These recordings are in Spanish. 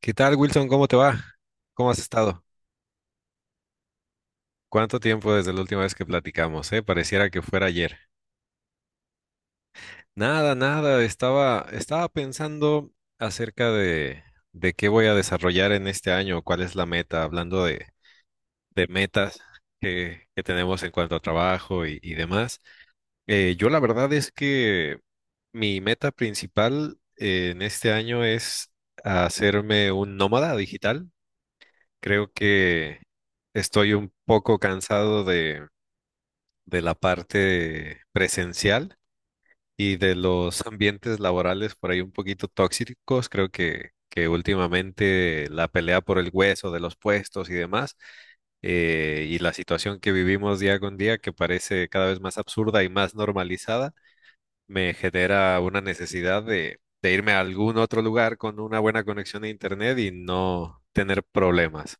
¿Qué tal, Wilson? ¿Cómo te va? ¿Cómo has estado? ¿Cuánto tiempo desde la última vez que platicamos, Pareciera que fuera ayer. Nada, nada, estaba pensando acerca de qué voy a desarrollar en este año, cuál es la meta, hablando de metas que tenemos en cuanto a trabajo y demás. Yo la verdad es que mi meta principal en este año es hacerme un nómada digital. Creo que estoy un poco cansado de la parte presencial y de los ambientes laborales por ahí un poquito tóxicos. Creo que últimamente la pelea por el hueso de los puestos y demás, y la situación que vivimos día con día, que parece cada vez más absurda y más normalizada, me genera una necesidad de irme a algún otro lugar con una buena conexión a internet y no tener problemas.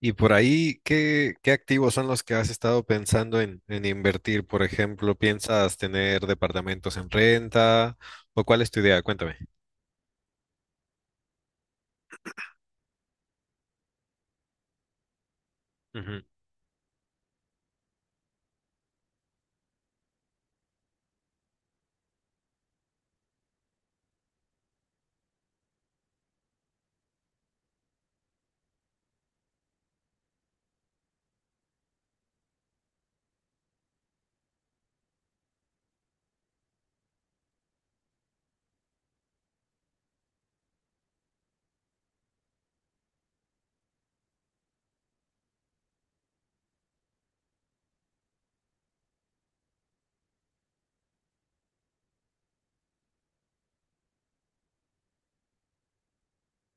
Y por ahí, ¿qué, qué activos son los que has estado pensando en invertir? Por ejemplo, ¿piensas tener departamentos en renta? ¿O cuál es tu idea? Cuéntame.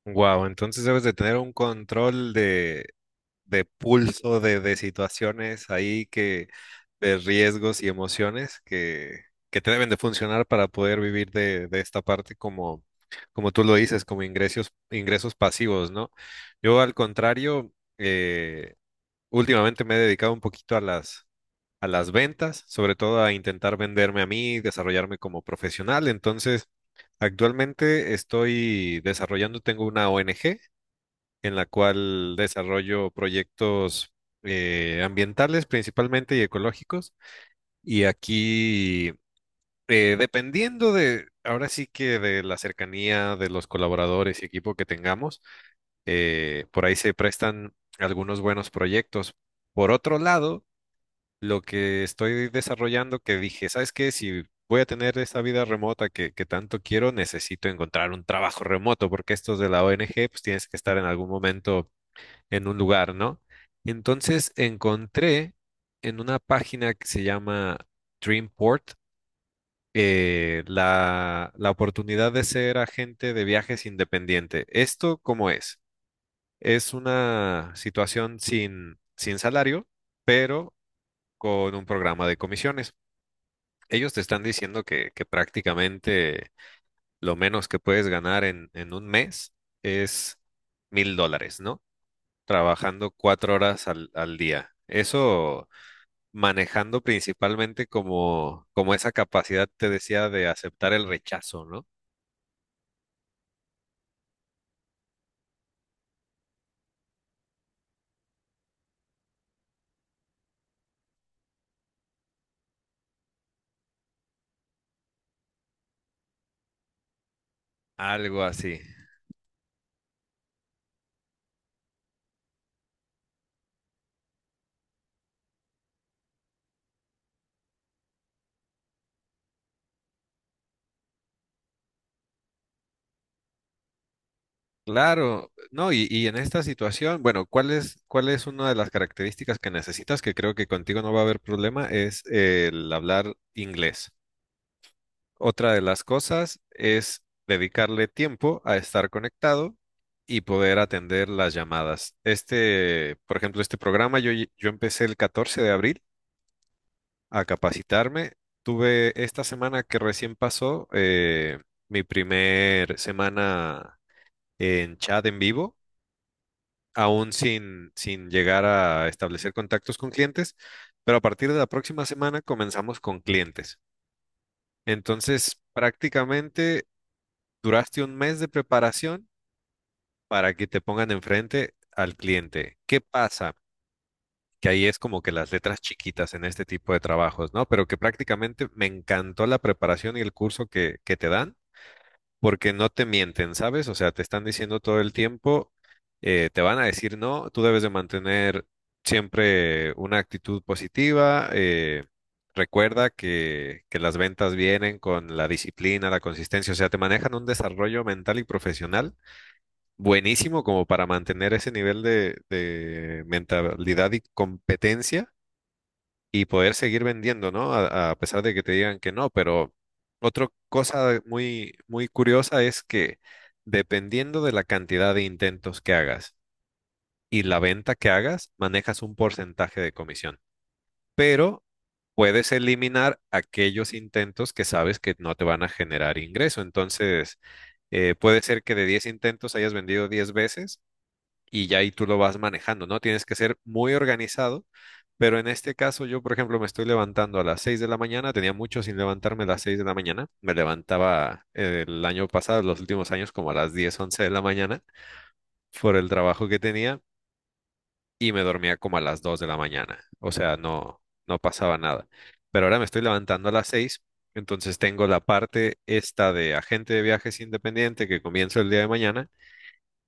Wow, entonces debes de tener un control de pulso, de situaciones ahí que, de riesgos y emociones que te deben de funcionar para poder vivir de esta parte como, como tú lo dices, como ingresos, ingresos pasivos, ¿no? Yo al contrario, eh, últimamente me he dedicado un poquito a las ventas, sobre todo a intentar venderme a mí, desarrollarme como profesional. Entonces, actualmente estoy desarrollando, tengo una ONG en la cual desarrollo proyectos ambientales principalmente y ecológicos. Y aquí, dependiendo de, ahora sí que de la cercanía de los colaboradores y equipo que tengamos, por ahí se prestan algunos buenos proyectos. Por otro lado, lo que estoy desarrollando que dije, ¿sabes qué? Si voy a tener esa vida remota que tanto quiero, necesito encontrar un trabajo remoto, porque estos de la ONG, pues tienes que estar en algún momento en un lugar, ¿no? Entonces encontré en una página que se llama Dreamport, la, la oportunidad de ser agente de viajes independiente. ¿Esto cómo es? Es una situación sin, sin salario, pero con un programa de comisiones ellos te están diciendo que prácticamente lo menos que puedes ganar en un mes es $1,000, ¿no? Trabajando 4 horas al, al día. Eso manejando principalmente como, como esa capacidad, te decía, de aceptar el rechazo, ¿no? Algo así. Claro, no, y en esta situación, bueno, cuál es una de las características que necesitas? Que creo que contigo no va a haber problema, es el hablar inglés. Otra de las cosas es dedicarle tiempo a estar conectado y poder atender las llamadas. Este, por ejemplo, este programa yo empecé el 14 de abril a capacitarme. Tuve esta semana que recién pasó mi primer semana en chat en vivo, aún sin, sin llegar a establecer contactos con clientes, pero a partir de la próxima semana comenzamos con clientes. Entonces, prácticamente duraste un mes de preparación para que te pongan enfrente al cliente. ¿Qué pasa? Que ahí es como que las letras chiquitas en este tipo de trabajos, ¿no? Pero que prácticamente me encantó la preparación y el curso que te dan, porque no te mienten, ¿sabes? O sea, te están diciendo todo el tiempo, te van a decir no, tú debes de mantener siempre una actitud positiva, recuerda que las ventas vienen con la disciplina, la consistencia, o sea, te manejan un desarrollo mental y profesional buenísimo como para mantener ese nivel de mentalidad y competencia y poder seguir vendiendo, ¿no? A pesar de que te digan que no, pero otra cosa muy, muy curiosa es que dependiendo de la cantidad de intentos que hagas y la venta que hagas, manejas un porcentaje de comisión, pero puedes eliminar aquellos intentos que sabes que no te van a generar ingreso. Entonces, puede ser que de 10 intentos hayas vendido 10 veces y ya ahí tú lo vas manejando, ¿no? Tienes que ser muy organizado, pero en este caso yo, por ejemplo, me estoy levantando a las 6 de la mañana, tenía mucho sin levantarme a las 6 de la mañana, me levantaba el año pasado, los últimos años, como a las 10 11 de la mañana por el trabajo que tenía y me dormía como a las 2 de la mañana, o sea, no, no pasaba nada, pero ahora me estoy levantando a las 6. Entonces tengo la parte esta de agente de viajes independiente que comienzo el día de mañana,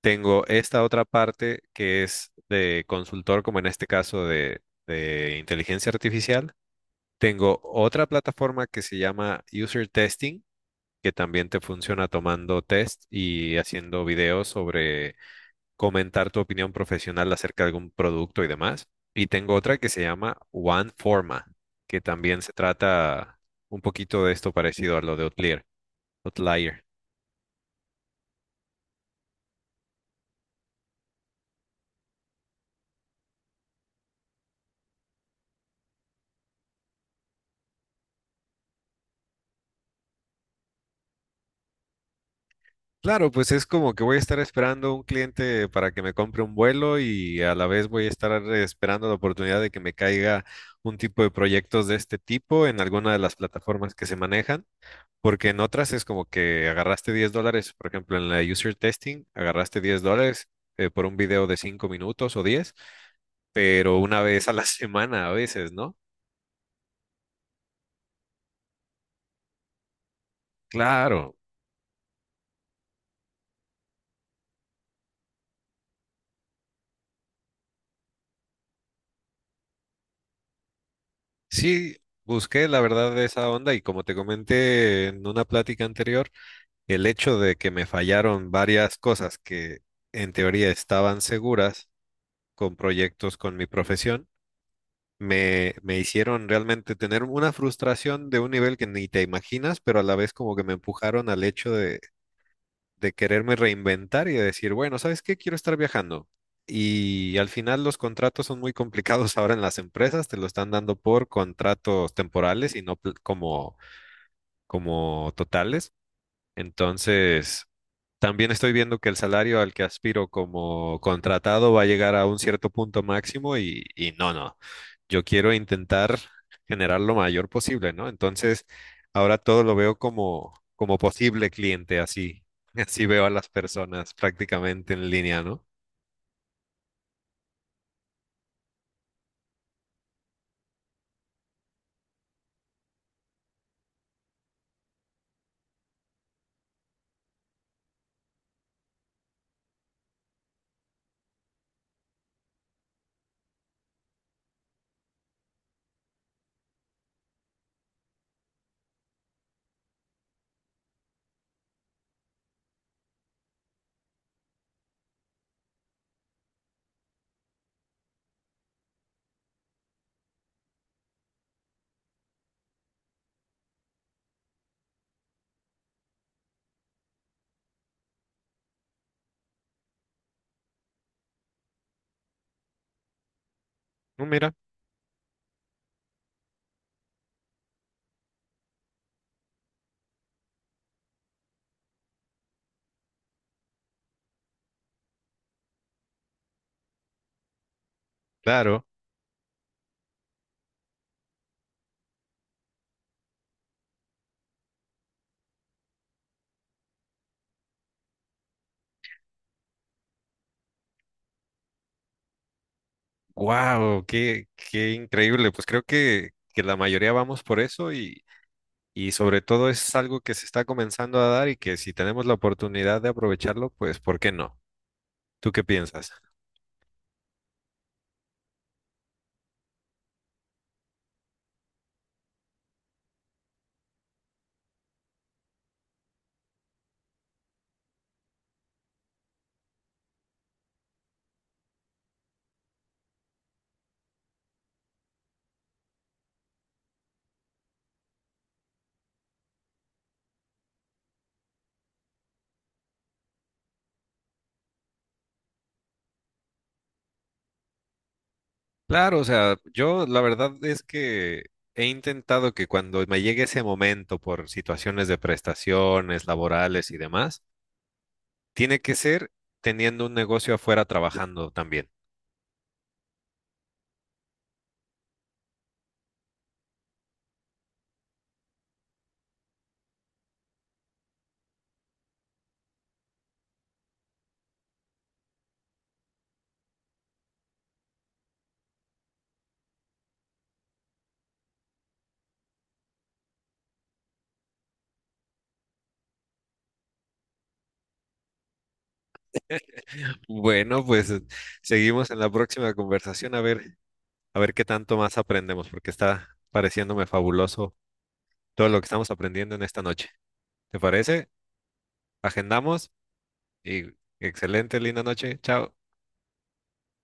tengo esta otra parte que es de consultor, como en este caso de inteligencia artificial. Tengo otra plataforma que se llama User Testing, que también te funciona tomando test y haciendo videos sobre comentar tu opinión profesional acerca de algún producto y demás. Y tengo otra que se llama OneForma, que también se trata un poquito de esto parecido a lo de Outlier. Outlier. Claro, pues es como que voy a estar esperando un cliente para que me compre un vuelo y a la vez voy a estar esperando la oportunidad de que me caiga un tipo de proyectos de este tipo en alguna de las plataformas que se manejan, porque en otras es como que agarraste $10, por ejemplo, en la user testing, agarraste $10 por un video de 5 minutos o 10, pero una vez a la semana a veces, ¿no? Claro, sí, busqué la verdad de esa onda y como te comenté en una plática anterior, el hecho de que me fallaron varias cosas que en teoría estaban seguras con proyectos con mi profesión, me hicieron realmente tener una frustración de un nivel que ni te imaginas, pero a la vez como que me empujaron al hecho de quererme reinventar y de decir, bueno, ¿sabes qué? Quiero estar viajando. Y al final los contratos son muy complicados ahora en las empresas, te lo están dando por contratos temporales y no pl- como, como totales. Entonces, también estoy viendo que el salario al que aspiro como contratado va a llegar a un cierto punto máximo y no, no. Yo quiero intentar generar lo mayor posible, ¿no? Entonces, ahora todo lo veo como, como posible cliente, así. Así veo a las personas prácticamente en línea, ¿no? No, mira, claro. Wow, qué, qué increíble. Pues creo que la mayoría vamos por eso y sobre todo es algo que se está comenzando a dar y que si tenemos la oportunidad de aprovecharlo, pues ¿por qué no? ¿Tú qué piensas? Claro, o sea, yo la verdad es que he intentado que cuando me llegue ese momento por situaciones de prestaciones laborales y demás, tiene que ser teniendo un negocio afuera trabajando también. Bueno, pues seguimos en la próxima conversación a ver qué tanto más aprendemos, porque está pareciéndome fabuloso todo lo que estamos aprendiendo en esta noche. ¿Te parece? Agendamos y excelente, linda noche. Chao.